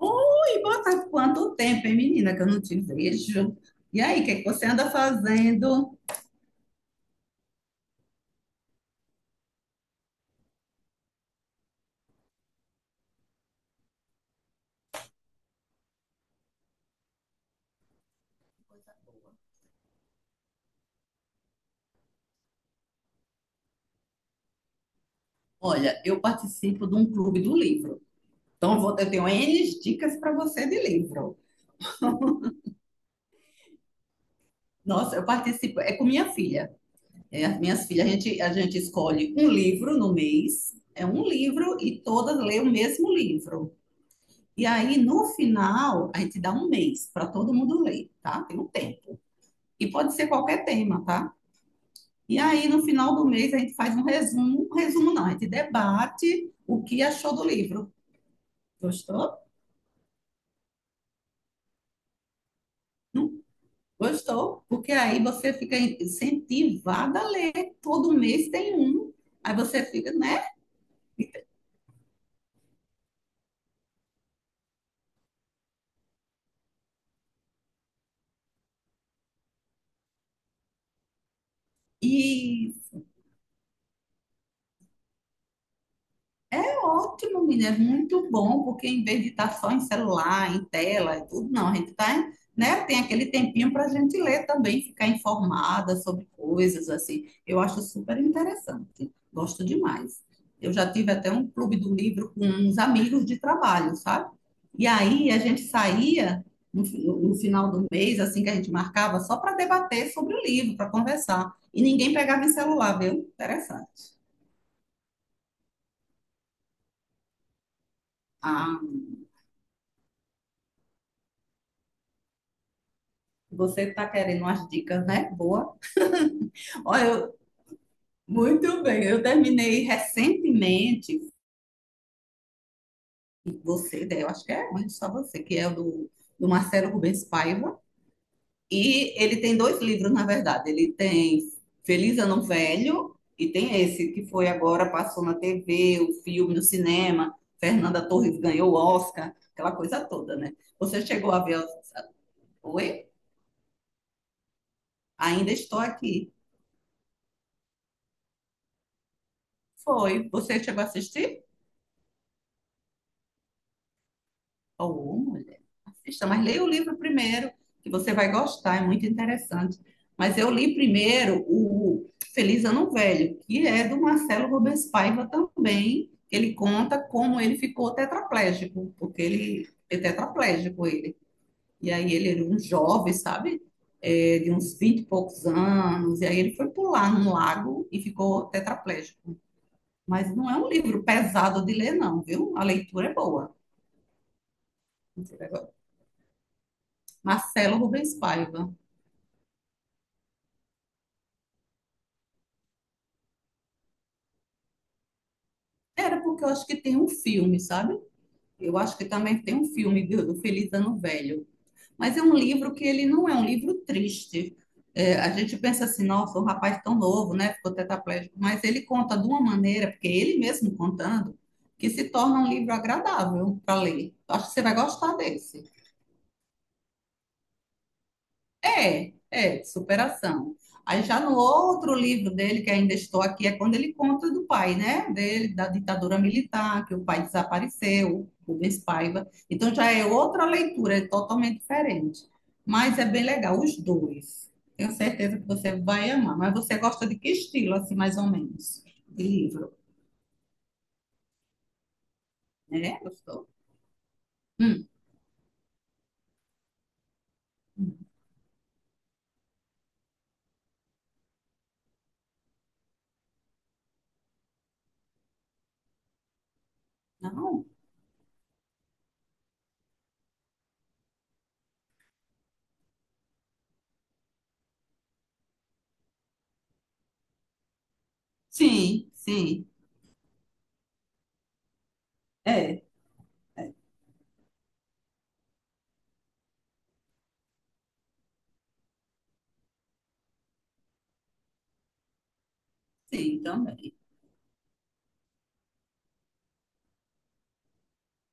Ui, boa tarde. Quanto tempo, hein, menina, que eu não te vejo. E aí, o que é que você anda fazendo? Olha, eu participo de um clube do livro. Então, eu tenho N dicas para você de livro. Nossa, eu participo, é com minha filha. É, as minhas filhas, a gente escolhe um livro no mês, é um livro e todas lêem o mesmo livro. E aí, no final, a gente dá um mês para todo mundo ler, tá? Tem um tempo. E pode ser qualquer tema, tá? E aí, no final do mês, a gente faz um resumo. Um resumo não, a gente debate o que achou do livro. Gostou? Não gostou? Porque aí você fica incentivada a ler. Todo mês tem um. Aí você fica, né? E Ótimo, menina, é muito bom, porque em vez de estar só em celular, em tela e tudo, não, a gente tá, né, tem aquele tempinho para a gente ler também, ficar informada sobre coisas assim. Eu acho super interessante, gosto demais. Eu já tive até um clube do livro com uns amigos de trabalho, sabe? E aí a gente saía no final do mês, assim que a gente marcava, só para debater sobre o livro, para conversar. E ninguém pegava em celular, viu? Interessante. Ah, você está querendo umas dicas, né? Boa. Olha, eu- Muito bem. Eu terminei recentemente, você, né, eu acho que é onde só você, que é do Marcelo Rubens Paiva. E ele tem dois livros, na verdade. Ele tem Feliz Ano Velho e tem esse que foi agora, passou na TV, o filme, no cinema. Fernanda Torres ganhou o Oscar, aquela coisa toda, né? Você chegou a ver? Oi? Ainda estou aqui. Foi. Você chegou a assistir? Ou, mulher, assista, mas leia o livro primeiro, que você vai gostar, é muito interessante. Mas eu li primeiro o Feliz Ano Velho, que é do Marcelo Rubens Paiva também. Ele conta como ele ficou tetraplégico, porque ele é tetraplégico ele. E aí ele era um jovem, sabe? É, de uns 20 e poucos anos, e aí ele foi pular num lago e ficou tetraplégico. Mas não é um livro pesado de ler, não, viu? A leitura é boa. Você vai Marcelo Rubens Paiva. Era porque eu acho que tem um filme, sabe? Eu acho que também tem um filme do Feliz Ano Velho. Mas é um livro que ele não é um livro triste. É, a gente pensa assim, nossa, um rapaz tão novo, né? Ficou tetraplégico. Mas ele conta de uma maneira, porque ele mesmo contando, que se torna um livro agradável para ler. Eu acho que você vai gostar desse. É, de superação. Aí já no outro livro dele, que ainda estou aqui, é quando ele conta do pai, né? Dele, da ditadura militar, que o pai desapareceu, Rubens Paiva. Então já é outra leitura, é totalmente diferente. Mas é bem legal, os dois. Tenho certeza que você vai amar. Mas você gosta de que estilo, assim, mais ou menos, de livro? É, gostou? Hum, não? Sim, sim. É, sim, também.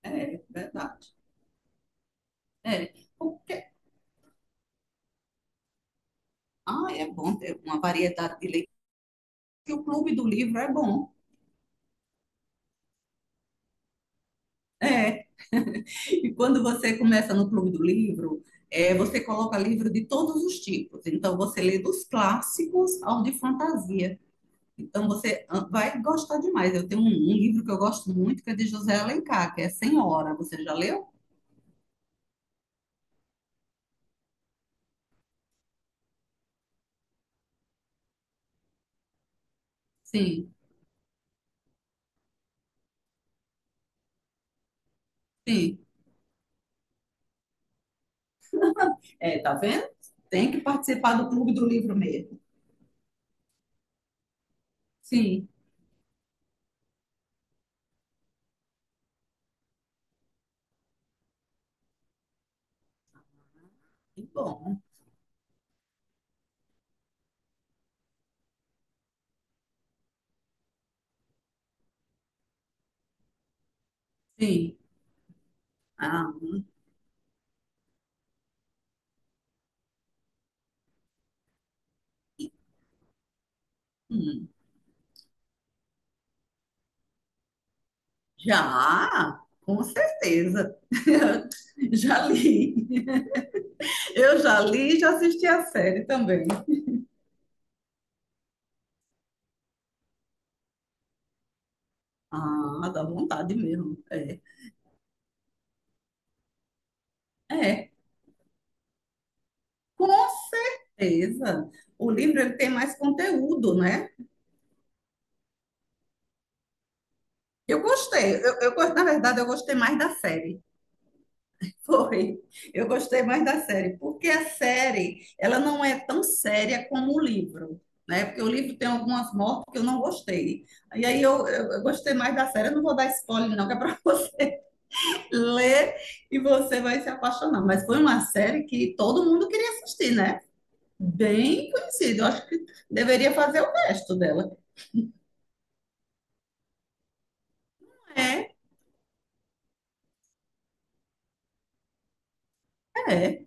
É, verdade. É. Ah, é bom ter uma variedade de leitura, porque o clube do livro é bom. É. E quando você começa no clube do livro, é, você coloca livro de todos os tipos. Então, você lê dos clássicos ao de fantasia. Então, você ah, vai gostar demais. Eu tenho um livro que eu gosto muito, que é de José Alencar, que é Senhora. Você já leu? Sim, sim. É, tá vendo? Tem que participar do clube do livro mesmo. Sim. Que bom. Sim. Ah, hum. Já, com certeza. Já li. Eu já li e já assisti a série também. Ah, dá vontade mesmo. É, com certeza. O livro ele tem mais conteúdo, né? Eu gostei. Na verdade, eu gostei mais da série. Foi. Eu gostei mais da série, porque a série, ela não é tão séria como o livro, né? Porque o livro tem algumas mortes que eu não gostei. E aí eu gostei mais da série. Eu não vou dar spoiler, não, que é para você ler e você vai se apaixonar. Mas foi uma série que todo mundo queria assistir, né? Bem conhecida. Eu acho que deveria fazer o resto dela. É, é.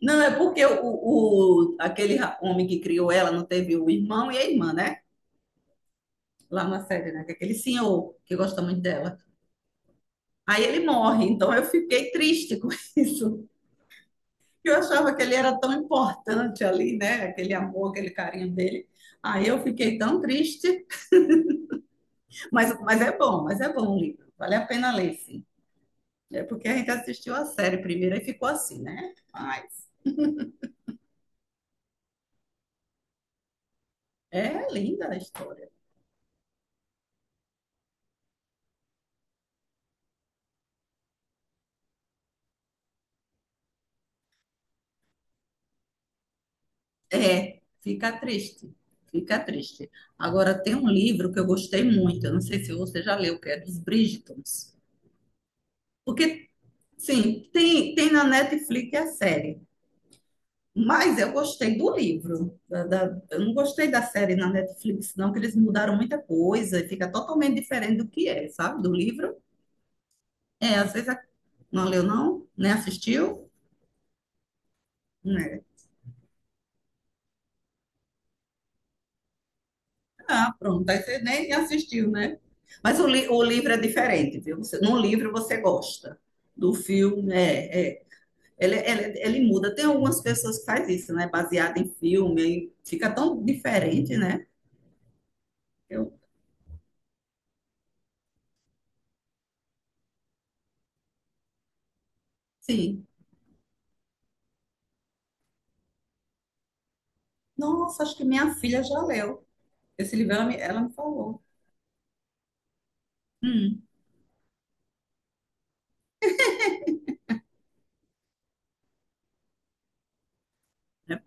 Não, é porque aquele homem que criou ela não teve o irmão e a irmã, né? Lá na série, né? Que é aquele senhor que gosta muito dela. Aí ele morre, então eu fiquei triste com isso. Eu achava que ele era tão importante ali, né? Aquele amor, aquele carinho dele. Aí eu fiquei tão triste, mas, mas é bom o livro. Vale a pena ler, sim. É porque a gente assistiu a série primeiro e ficou assim, né? Mas é linda a história. É, fica triste, fica triste. Agora tem um livro que eu gostei muito, eu não sei se você já leu, que é dos Bridgetons. Porque Sim, tem, tem na Netflix a série, mas eu gostei do livro. Eu não gostei da série na Netflix, não, que eles mudaram muita coisa e fica totalmente diferente do que é, sabe? Do livro. É, às vezes não leu, não, nem assistiu, né? Ah, pronto, aí você nem assistiu, né? Mas o livro é diferente, viu? Você, no livro você gosta do filme, Ele, ele muda. Tem algumas pessoas que fazem isso, né? Baseado em filme, aí fica tão diferente, né? Eu, sim. Nossa, acho que minha filha já leu. Esse livro ela me falou. Hum, é,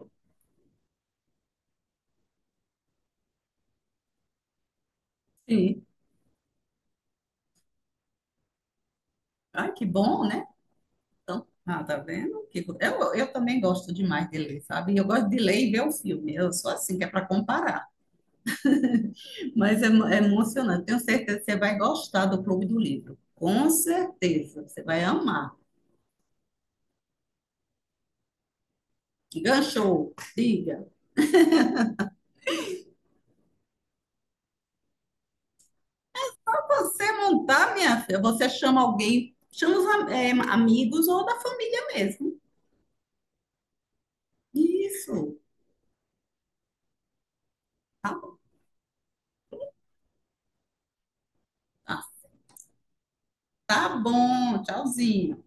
sim. Ai, que bom, né? Então, ah, tá vendo? Eu também gosto demais de ler, sabe? Eu gosto de ler e ver o filme. Eu sou assim, que é para comparar. Mas é emocionante. Tenho certeza que você vai gostar do Clube do Livro. Com certeza. Você vai amar. Ganchou, diga. Você montar, minha filha, você chama alguém, chama os amigos ou da família mesmo. Isso. Tá bom. Ah. Tá bom, tchauzinho.